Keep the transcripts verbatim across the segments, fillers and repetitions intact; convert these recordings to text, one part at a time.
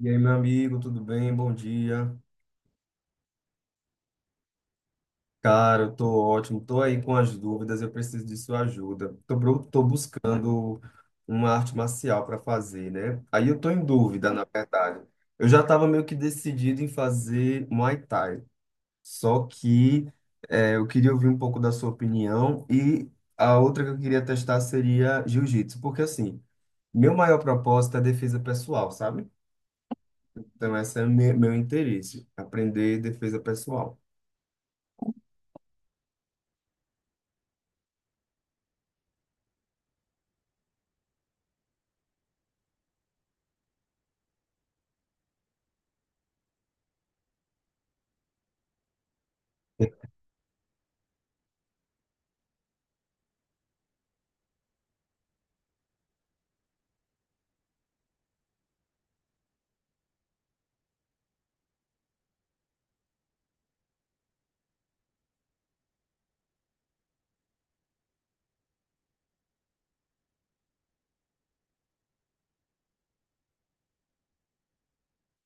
E aí, meu amigo, tudo bem? Bom dia. Cara, eu tô ótimo. Tô aí com as dúvidas, eu preciso de sua ajuda. Tô, bru- tô buscando uma arte marcial para fazer, né? Aí eu tô em dúvida, na verdade. Eu já tava meio que decidido em fazer Muay Thai, só que é, eu queria ouvir um pouco da sua opinião e a outra que eu queria testar seria Jiu-Jitsu, porque assim, meu maior propósito é defesa pessoal, sabe? Então, esse é meu, meu interesse, aprender defesa pessoal.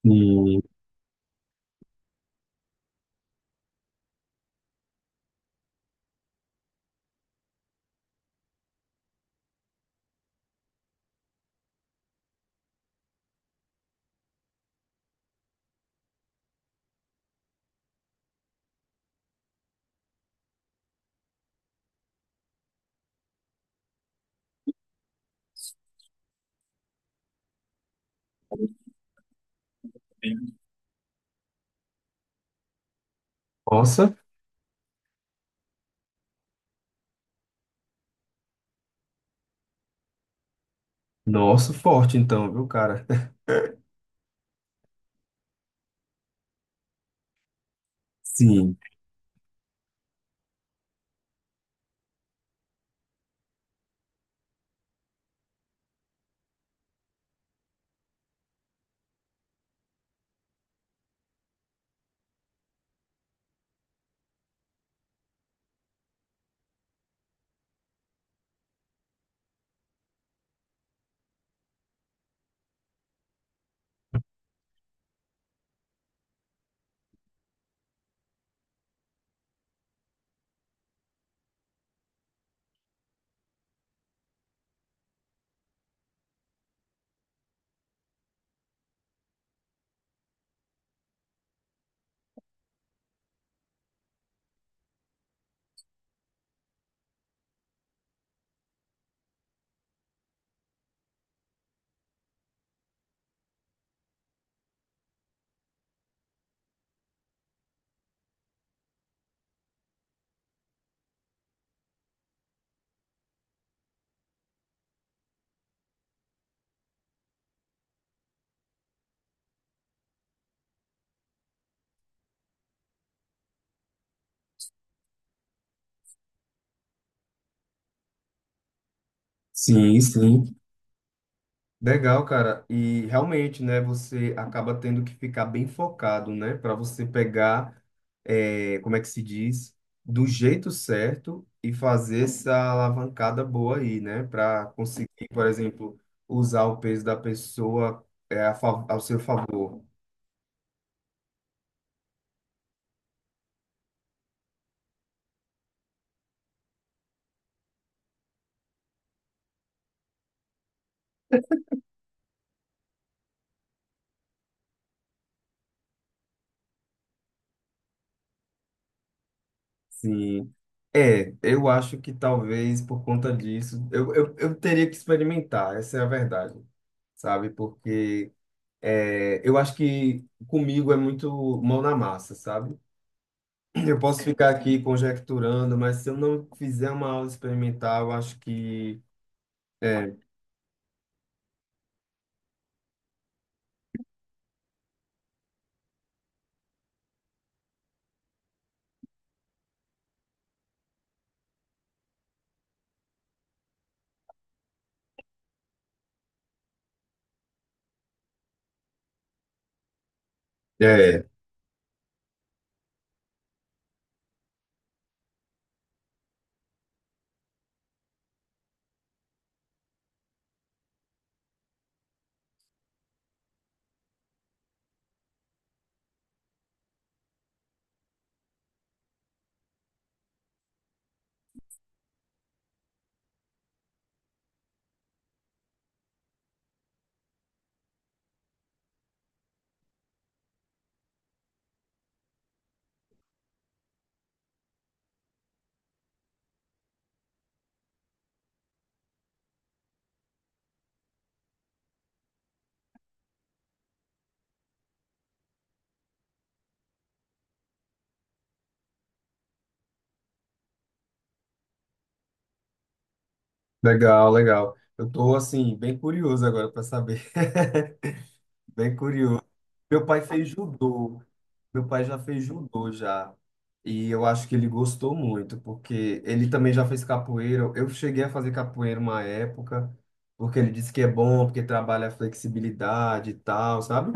E, nossa, nossa, forte então, viu, cara? Sim, sim, sim. Legal, cara. E realmente, né, você acaba tendo que ficar bem focado, né, para você pegar, eh, como é que se diz, do jeito certo e fazer essa alavancada boa aí, né, para conseguir, por exemplo, usar o peso da pessoa, eh, a fa- ao seu favor. Sim. É, eu acho que talvez por conta disso, eu, eu, eu teria que experimentar, essa é a verdade, sabe? Porque é, eu acho que comigo é muito mão na massa, sabe? Eu posso ficar aqui conjecturando, mas se eu não fizer uma aula experimental, eu acho que. É, é, legal, legal. Eu tô, assim, bem curioso agora para saber. Bem curioso. Meu pai fez judô. Meu pai já fez judô já. E eu acho que ele gostou muito, porque ele também já fez capoeira. Eu cheguei a fazer capoeira uma época, porque ele disse que é bom, porque trabalha a flexibilidade e tal, sabe?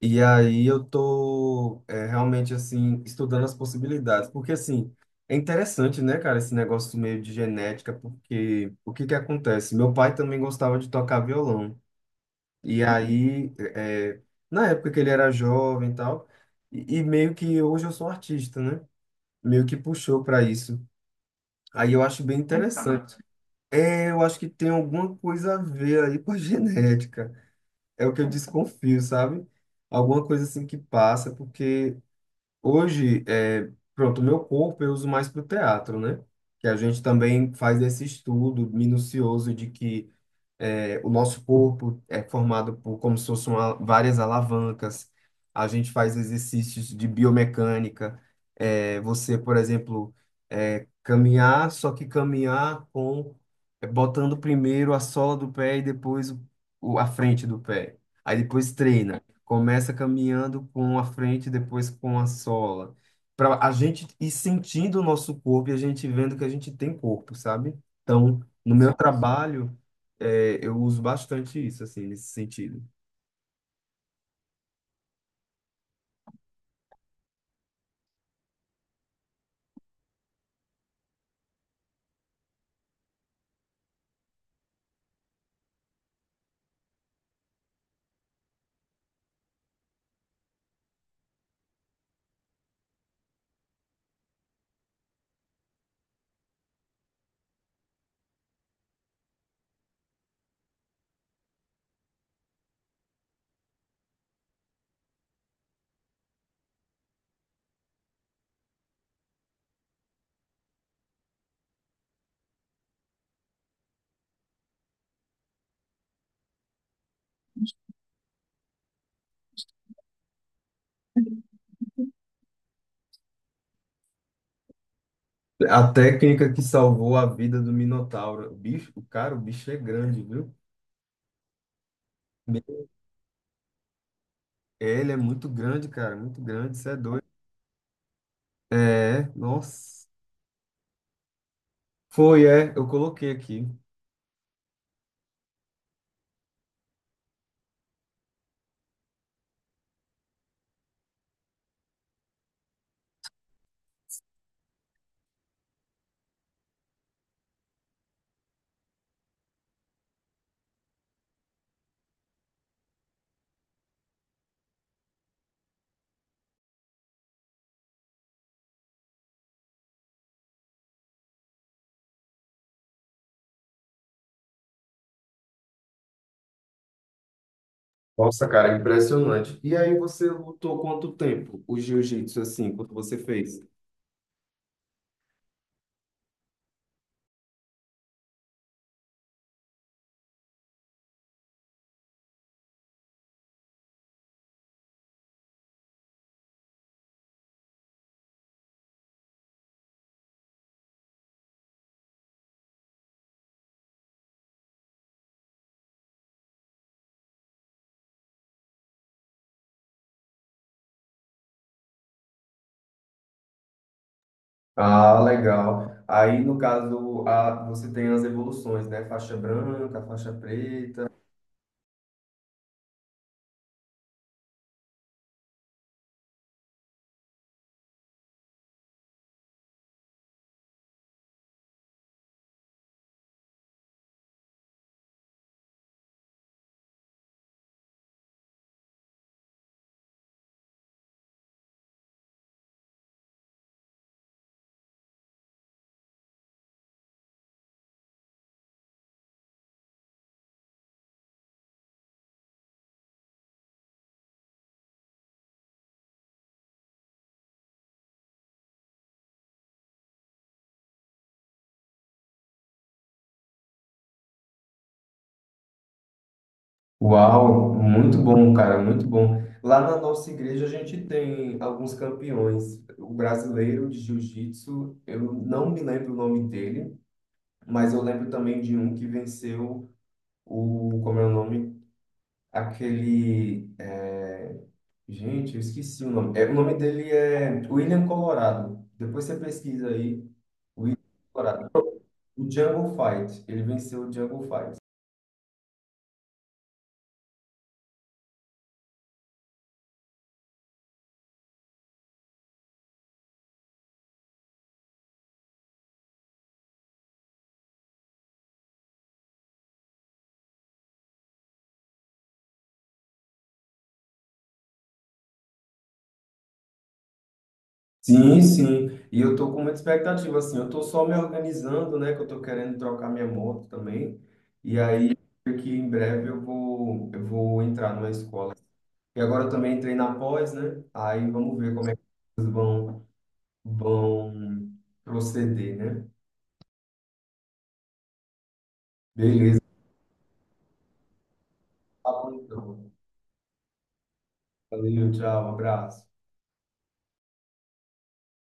E aí eu tô é, realmente assim estudando as possibilidades, porque assim, é interessante, né, cara, esse negócio meio de genética, porque o que que acontece? Meu pai também gostava de tocar violão. E aí, é, na época que ele era jovem e tal, e, e meio que hoje eu sou um artista, né? Meio que puxou para isso. Aí eu acho bem interessante. É, eu acho que tem alguma coisa a ver aí com a genética. É o que eu desconfio, sabe? Alguma coisa assim que passa, porque hoje, é, pronto, o meu corpo eu uso mais para o teatro, né? Que a gente também faz esse estudo minucioso de que é, o nosso corpo é formado por como se fossem uma- várias alavancas. A gente faz exercícios de biomecânica. É, você, por exemplo, é, caminhar, só que caminhar com é, botando primeiro a sola do pé e depois o, o- a frente do pé. Aí depois treina. Começa caminhando com a frente, depois com a sola. Para a gente ir sentindo o nosso corpo e a gente vendo que a gente tem corpo, sabe? Então, no meu trabalho é, eu uso bastante isso, assim, nesse sentido. A técnica que salvou a vida do Minotauro. O bicho, o cara, o bicho é grande, viu? Ele é muito grande, cara, muito grande, isso é doido. É, nossa. Foi, é, eu coloquei aqui. Nossa, cara, impressionante. E aí você lutou quanto tempo o jiu-jitsu, assim, quando você fez? Ah, legal. Aí, no caso, a, você tem as evoluções, né? Faixa branca, faixa preta. Uau, muito bom, cara, muito bom. Lá na nossa igreja a gente tem alguns campeões. O brasileiro de jiu-jitsu, eu não me lembro o nome dele, mas eu lembro também de um que venceu o, como é o nome? Aquele, é, gente, eu esqueci o nome. É, o nome dele é William Colorado. Depois você pesquisa aí, William Colorado. O Jungle Fight, ele venceu o Jungle Fight. Sim, sim. E eu tô com muita expectativa, assim. Eu tô só me organizando, né? Que eu tô querendo trocar minha moto também. E aí, creio que em breve eu vou, eu vou entrar numa escola. E agora eu também entrei na pós, né? Aí vamos ver como é que eles vão, vão proceder, né? Beleza. Tá bom, então. Valeu, tchau, abraço.